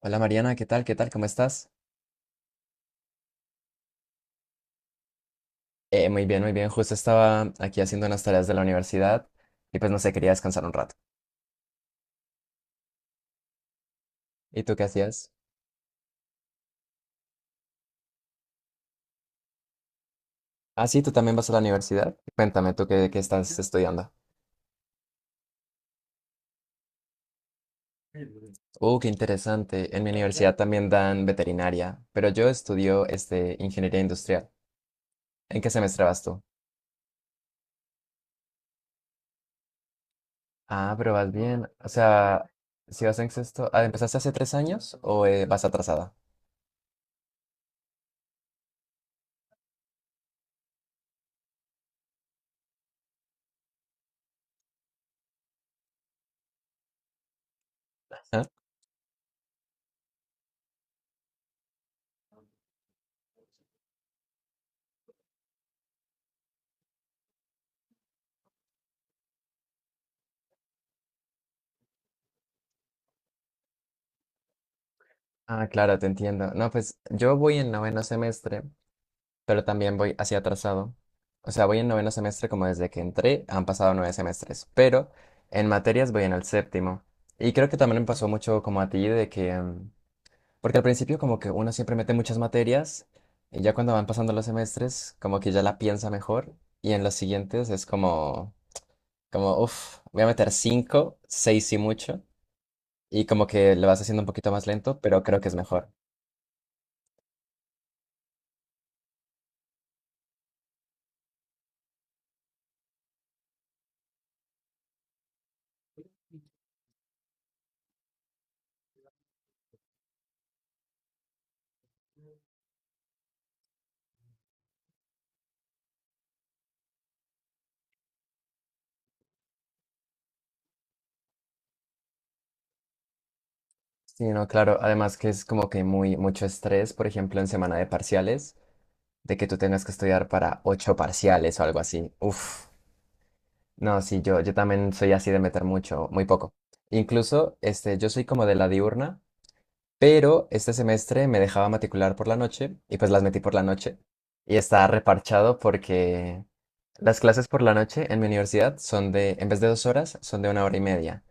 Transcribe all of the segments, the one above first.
Hola, Mariana, ¿qué tal? ¿Qué tal? ¿Cómo estás? Muy bien, muy bien. Justo estaba aquí haciendo unas tareas de la universidad y pues no sé, quería descansar un rato. ¿Y tú qué hacías? Ah, sí, tú también vas a la universidad. Cuéntame, ¿tú qué estás estudiando? Qué interesante. En mi universidad también dan veterinaria, pero yo estudio este, ingeniería industrial. ¿En qué semestre vas tú? Ah, pero vas bien. O sea, si vas en sexto, ah, ¿empezaste hace tres años o vas atrasada? ¿Ah? Ah, claro, te entiendo. No, pues yo voy en noveno semestre, pero también voy así atrasado. O sea, voy en noveno semestre como desde que entré, han pasado nueve semestres, pero en materias voy en el séptimo. Y creo que también me pasó mucho como a ti de que, porque al principio como que uno siempre mete muchas materias y ya cuando van pasando los semestres como que ya la piensa mejor y en los siguientes es como, como, uff, voy a meter cinco, seis y mucho y como que lo vas haciendo un poquito más lento, pero creo que es mejor. Sí, no, claro. Además que es como que muy mucho estrés, por ejemplo, en semana de parciales, de que tú tengas que estudiar para ocho parciales o algo así. Uf, no, sí, yo también soy así de meter mucho, muy poco. Incluso, este, yo soy como de la diurna, pero este semestre me dejaba matricular por la noche y pues las metí por la noche. Y está reparchado porque las clases por la noche en mi universidad son de, en vez de dos horas, son de una hora y media.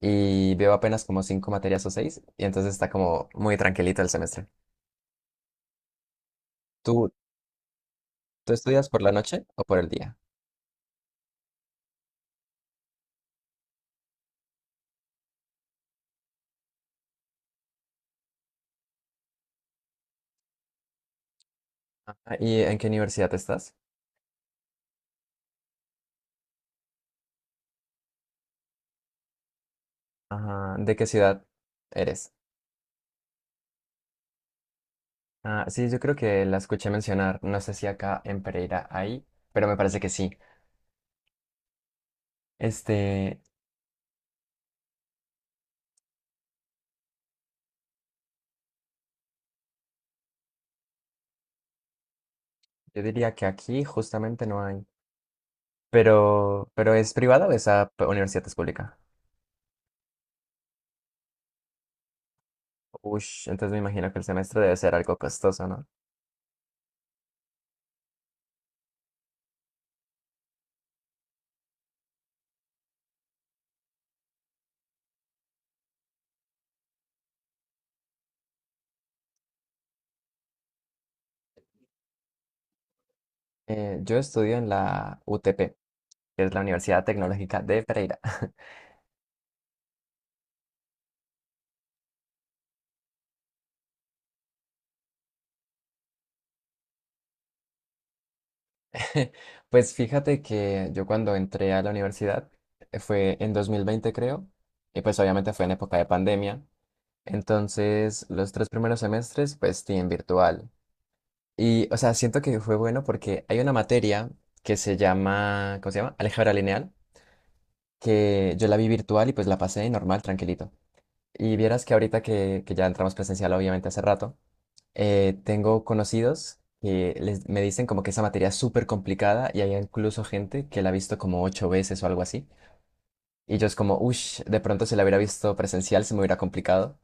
Y veo apenas como cinco materias o seis, y entonces está como muy tranquilito el semestre. ¿Tú, tú estudias por la noche o por el día? Ah, ¿y en qué universidad estás? Ajá, ¿de qué ciudad eres? Ah, sí, yo creo que la escuché mencionar, no sé si acá en Pereira hay, pero me parece que sí. Este, yo diría que aquí justamente no hay, pero ¿es privada o esa p- universidad es pública? Ush, entonces me imagino que el semestre debe ser algo costoso, ¿no? Yo estudio en la UTP, que es la Universidad Tecnológica de Pereira. Pues fíjate que yo cuando entré a la universidad fue en 2020, creo, y pues obviamente fue en época de pandemia. Entonces, los tres primeros semestres, pues, sí, en virtual. Y, o sea, siento que fue bueno porque hay una materia que se llama, ¿cómo se llama? Álgebra lineal, que yo la vi virtual y pues la pasé normal, tranquilito. Y vieras que ahorita que ya entramos presencial, obviamente hace rato, tengo conocidos que me dicen como que esa materia es súper complicada y hay incluso gente que la ha visto como ocho veces o algo así. Y yo es como, uff, de pronto si la hubiera visto presencial se me hubiera complicado,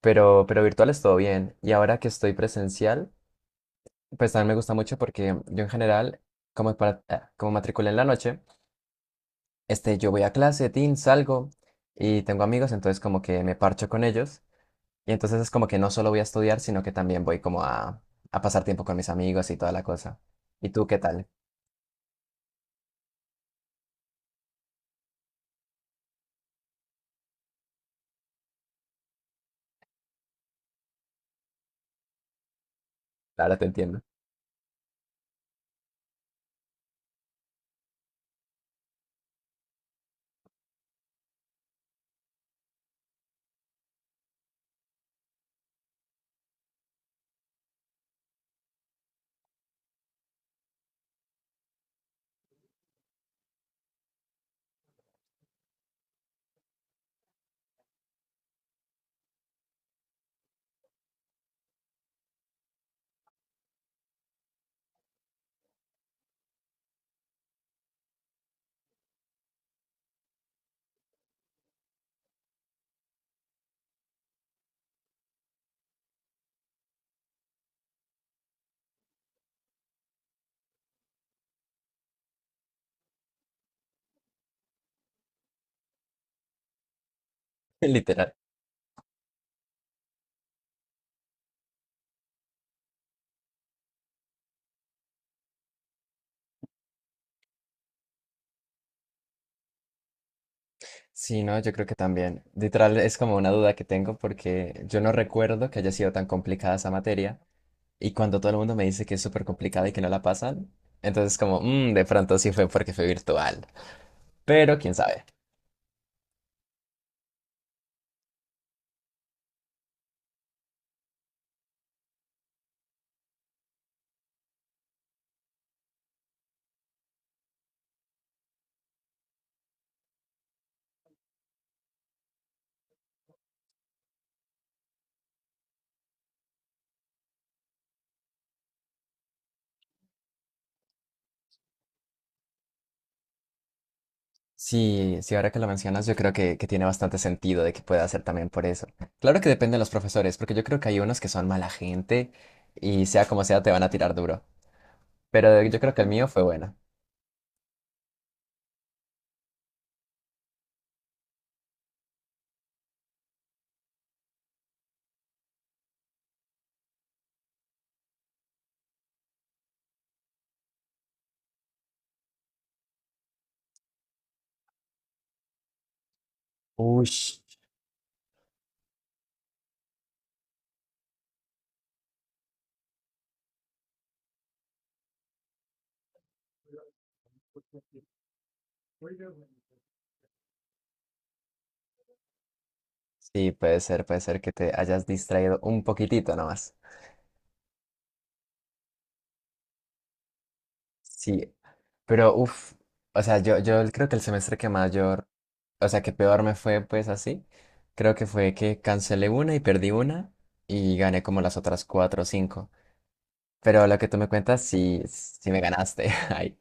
pero virtual es todo bien. Y ahora que estoy presencial, pues también me gusta mucho porque yo en general, como, para, como matriculé en la noche, este, yo voy a clase, tin, salgo y tengo amigos, entonces como que me parcho con ellos. Y entonces es como que no solo voy a estudiar, sino que también voy como a pasar tiempo con mis amigos y toda la cosa. ¿Y tú qué tal? Ahora te entiendo. Literal. Sí, no, yo creo que también. Literal es como una duda que tengo porque yo no recuerdo que haya sido tan complicada esa materia. Y cuando todo el mundo me dice que es súper complicado y que no la pasan, entonces como, "Mm, de pronto sí fue porque fue virtual. Pero quién sabe." Sí, sí, ahora que lo mencionas, yo creo que tiene bastante sentido de que pueda ser también por eso. Claro que depende de los profesores, porque yo creo que hay unos que son mala gente y sea como sea te van a tirar duro. Pero yo creo que el mío fue bueno. Uy, sí, puede ser que te hayas distraído un poquitito nomás. Sí, pero uff, o sea, yo creo que el semestre que mayor, o sea, que peor me fue pues así, creo que fue que cancelé una y perdí una y gané como las otras cuatro o cinco. Pero lo que tú me cuentas, sí, sí me ganaste. Ay,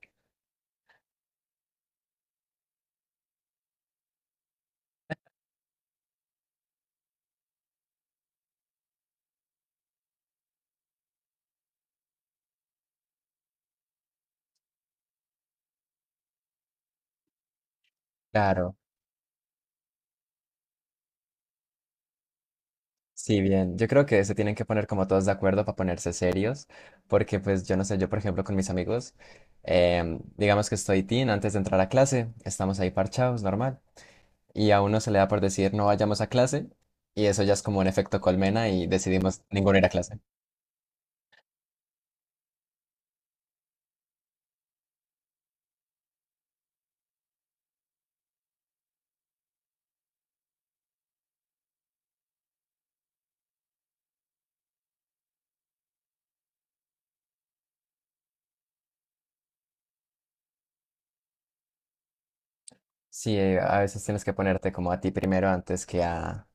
claro, sí, bien. Yo creo que se tienen que poner como todos de acuerdo para ponerse serios, porque pues yo no sé, yo por ejemplo con mis amigos, digamos que estoy teen antes de entrar a clase, estamos ahí parchados, normal, y a uno se le da por decir no vayamos a clase y eso ya es como un efecto colmena y decidimos ninguno ir a clase. Sí, a veces tienes que ponerte como a ti primero antes que a,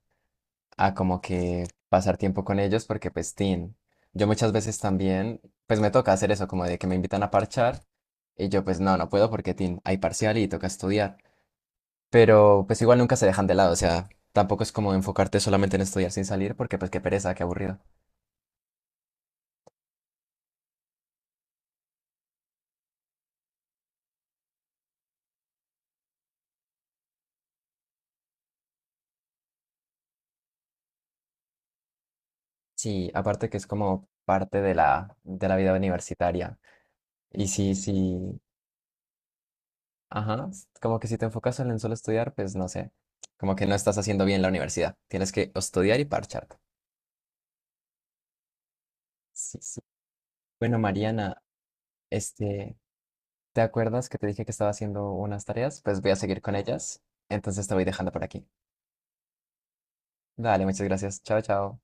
a como que pasar tiempo con ellos porque pues tin, yo muchas veces también pues me toca hacer eso como de que me invitan a parchar y yo pues no, no puedo porque tin, hay parcial y toca estudiar, pero pues igual nunca se dejan de lado, o sea, tampoco es como enfocarte solamente en estudiar sin salir porque pues qué pereza, qué aburrido. Sí, aparte que es como parte de la vida universitaria. Y sí, sí, ajá, s- como que si te enfocas en solo estudiar, pues no sé, como que no estás haciendo bien la universidad. Tienes que estudiar y parcharte. Sí, sí. Bueno, Mariana, este, ¿te acuerdas que te dije que estaba haciendo unas tareas? Pues voy a seguir con ellas. Entonces te voy dejando por aquí. Dale, muchas gracias. Chao, chao.